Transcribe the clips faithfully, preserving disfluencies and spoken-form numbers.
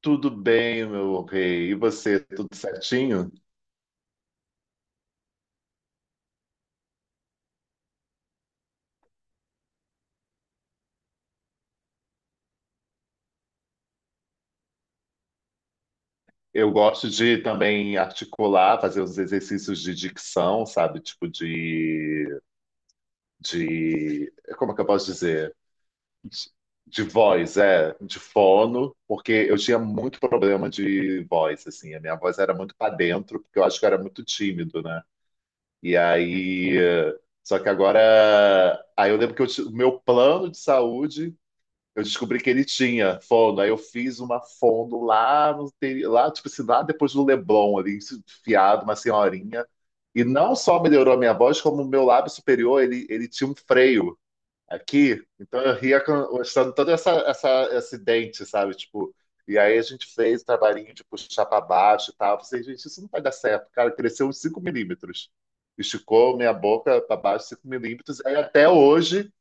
Tudo bem, meu rei. E você, tudo certinho? Eu gosto de também articular, fazer uns exercícios de dicção, sabe? Tipo de, de, como é que eu posso dizer? De, de voz, é, de fono, porque eu tinha muito problema de voz, assim. A minha voz era muito para dentro, porque eu acho que eu era muito tímido, né? E aí, só que agora, aí eu lembro que eu ti- o meu plano de saúde. Eu descobri que ele tinha fono, aí eu fiz uma fono lá, no, interi- lá tipo assim, lá depois do Leblon, ali, enfiado, uma senhorinha. E não só melhorou a minha voz, como o meu lábio superior, ele, ele tinha um freio aqui. Então eu ria com- mostrando todo essa, essa, esse dente, sabe? Tipo, e aí a gente fez o trabalhinho de puxar para baixo e tal. Eu Falei, gente, isso não vai dar certo. Cara, cresceu uns cinco milímetros. Esticou minha boca para baixo cinco milímetros. Aí até hoje,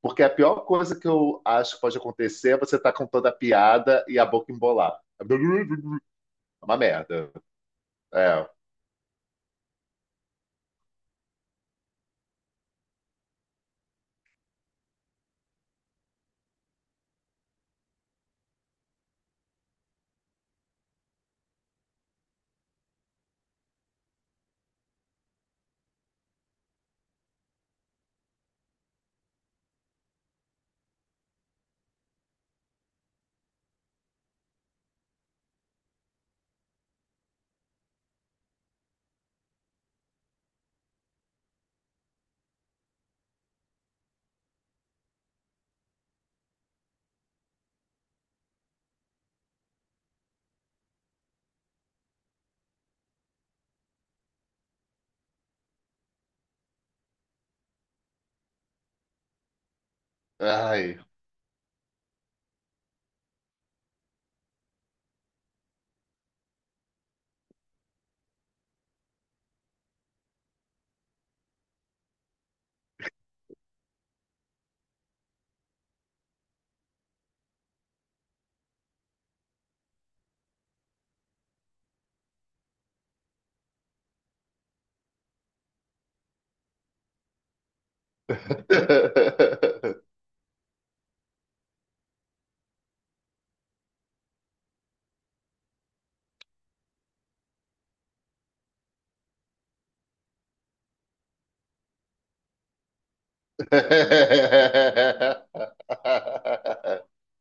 porque a pior coisa que eu acho que pode acontecer é você estar com toda a piada e a boca embolar. É uma merda. É. Ai.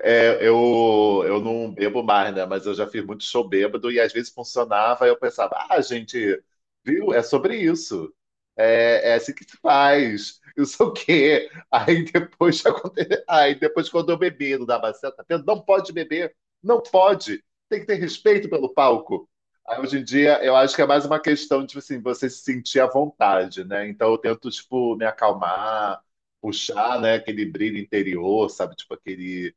É, eu, eu não bebo mais, né? Mas eu já fiz muito show bêbado e às vezes funcionava. E eu pensava, ah, gente, viu? É sobre isso. É, é assim que se faz. Eu sei o quê. Aí depois aconte- aí depois quando eu bebi, não dava certo. tá vendo? Não pode beber, não pode. Tem que ter respeito pelo palco. Aí hoje em dia eu acho que é mais uma questão de tipo assim, você se sentir à vontade, né? Então eu tento tipo me acalmar, puxar, né? Aquele brilho interior, sabe? Tipo aquele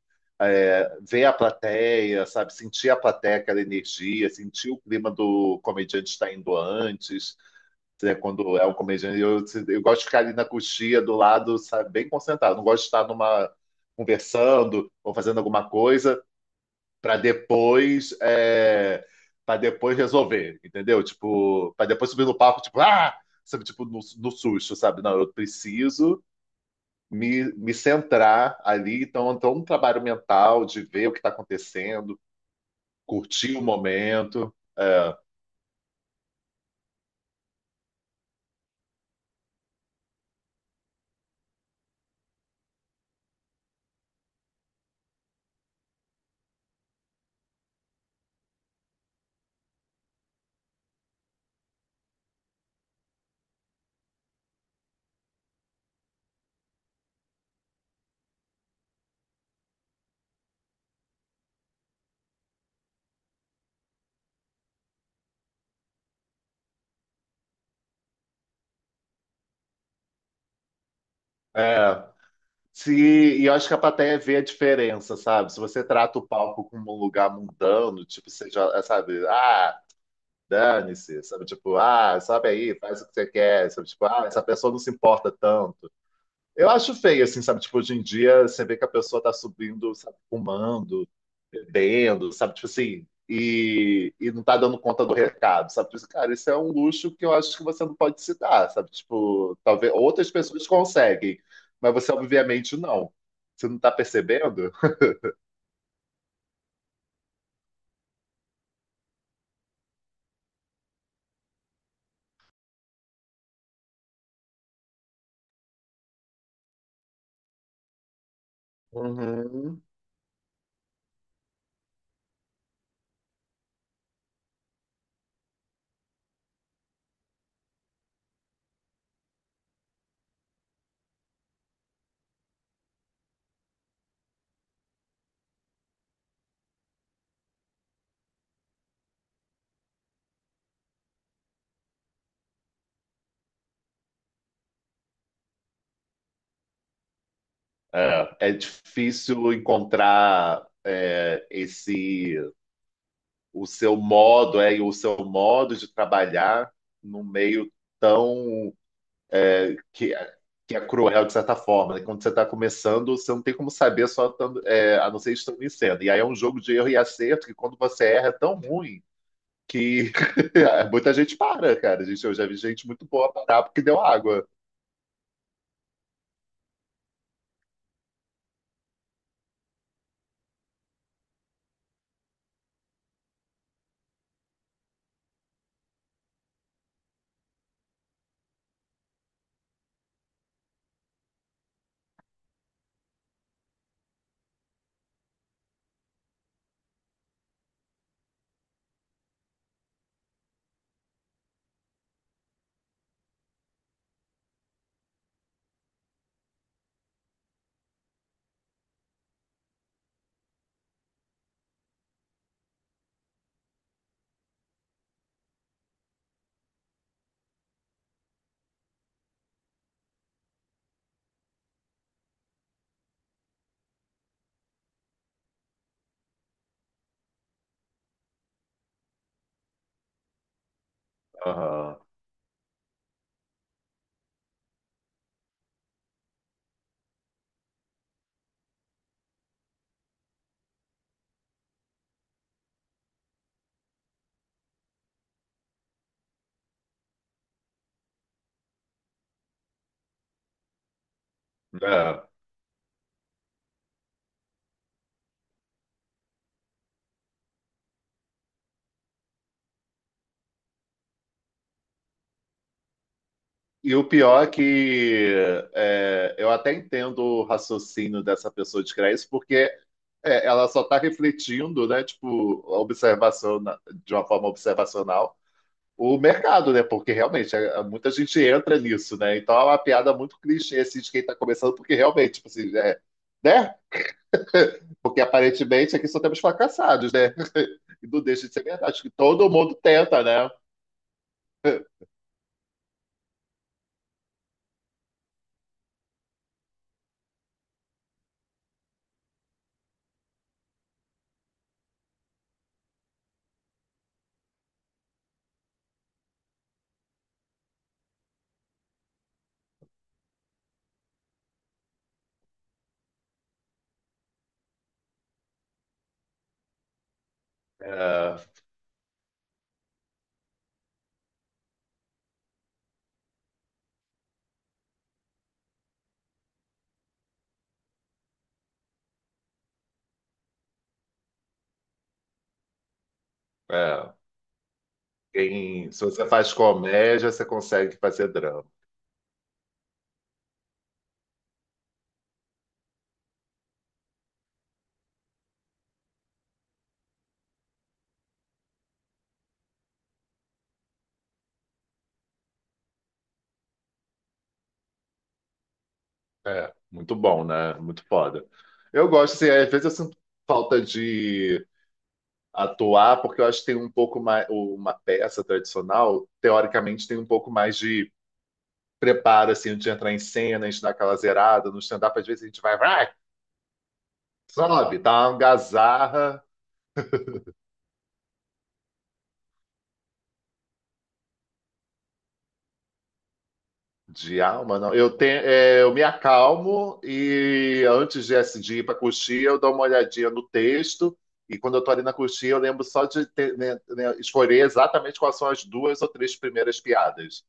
ver a plateia, sabe? Sentir a plateia, aquela energia, sentir o clima do comediante estar indo antes. né? Quando é um comediante, eu, eu gosto de ficar ali na coxia do lado, sabe? Bem concentrado. Não gosto de estar numa conversando ou fazendo alguma coisa para depois é, para depois resolver, entendeu? Tipo, para depois subir no palco, tipo, ah, sabe, tipo no, no susto, sabe? Não, eu preciso me, me centrar ali. Então, então, é um trabalho mental de ver o que está acontecendo, curtir o momento. É, é. Se, e eu acho que a plateia vê a diferença, sabe? Se você trata o palco como um lugar mundano, tipo, seja, sabe, ah, dane-se, sabe? Tipo, ah, sobe aí, faz o que você quer, sabe? Tipo, ah, essa pessoa não se importa tanto. Eu acho feio, assim, sabe? Tipo, hoje em dia você vê que a pessoa tá subindo, sabe, fumando, bebendo, sabe? Tipo assim, e, e não tá dando conta do recado, sabe? Tipo assim, cara, isso é um luxo que eu acho que você não pode se dar, sabe? Tipo, talvez outras pessoas conseguem, mas você obviamente não. Você não tá percebendo? Uhum. É, é difícil encontrar é, esse o seu modo, é, e o seu modo de trabalhar num meio tão que, é, que é cruel de certa forma. Né? Quando você está começando, você não tem como saber só tando- é, a não ser estando em cena. E aí é um jogo de erro e acerto que quando você erra é tão ruim que muita gente para, cara. Gente, eu já vi gente muito boa parar porque deu água. Aham. É. E o pior é que é, eu até entendo o raciocínio dessa pessoa de criar isso, porque é, ela só está refletindo, né, tipo, a observação na- de uma forma observacional o mercado, né? Porque realmente é- muita gente entra nisso, né? Então é uma piada muito clichê assim, de quem está começando, porque realmente, tipo assim, é, né? Porque aparentemente aqui só temos fracassados, né? E não deixa de ser verdade, acho que todo mundo tenta, né? É, é. Quem- se você faz comédia, você consegue fazer drama. É, muito bom, né? Muito foda. Eu gosto, assim, às vezes eu sinto falta de atuar, porque eu acho que tem um pouco mais, uma peça tradicional, teoricamente, tem um pouco mais de preparo, assim, antes de entrar em cena, a gente dá aquela zerada. No stand-up, às vezes a gente vai, vai, sobe, dá uma gazarra. De alma, não. Eu, tenho, é, eu me acalmo e antes de, assim, de ir para coxia, eu dou uma olhadinha no texto. E quando eu tô ali na coxia, eu lembro só de ter- né, né, escolher exatamente quais são as duas ou três primeiras piadas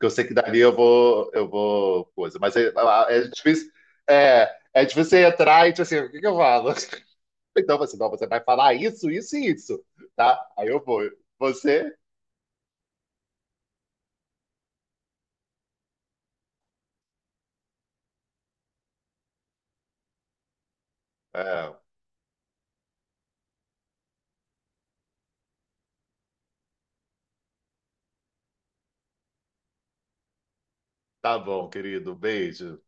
que eu sei que dali eu vou, eu vou coisa. Mas é, é é difícil, é, é difícil você entrar e tipo assim, o que que eu falo? Então você, não, você vai falar isso, isso e isso, tá? Aí eu vou. Você? É, tá bom, querido. Beijo.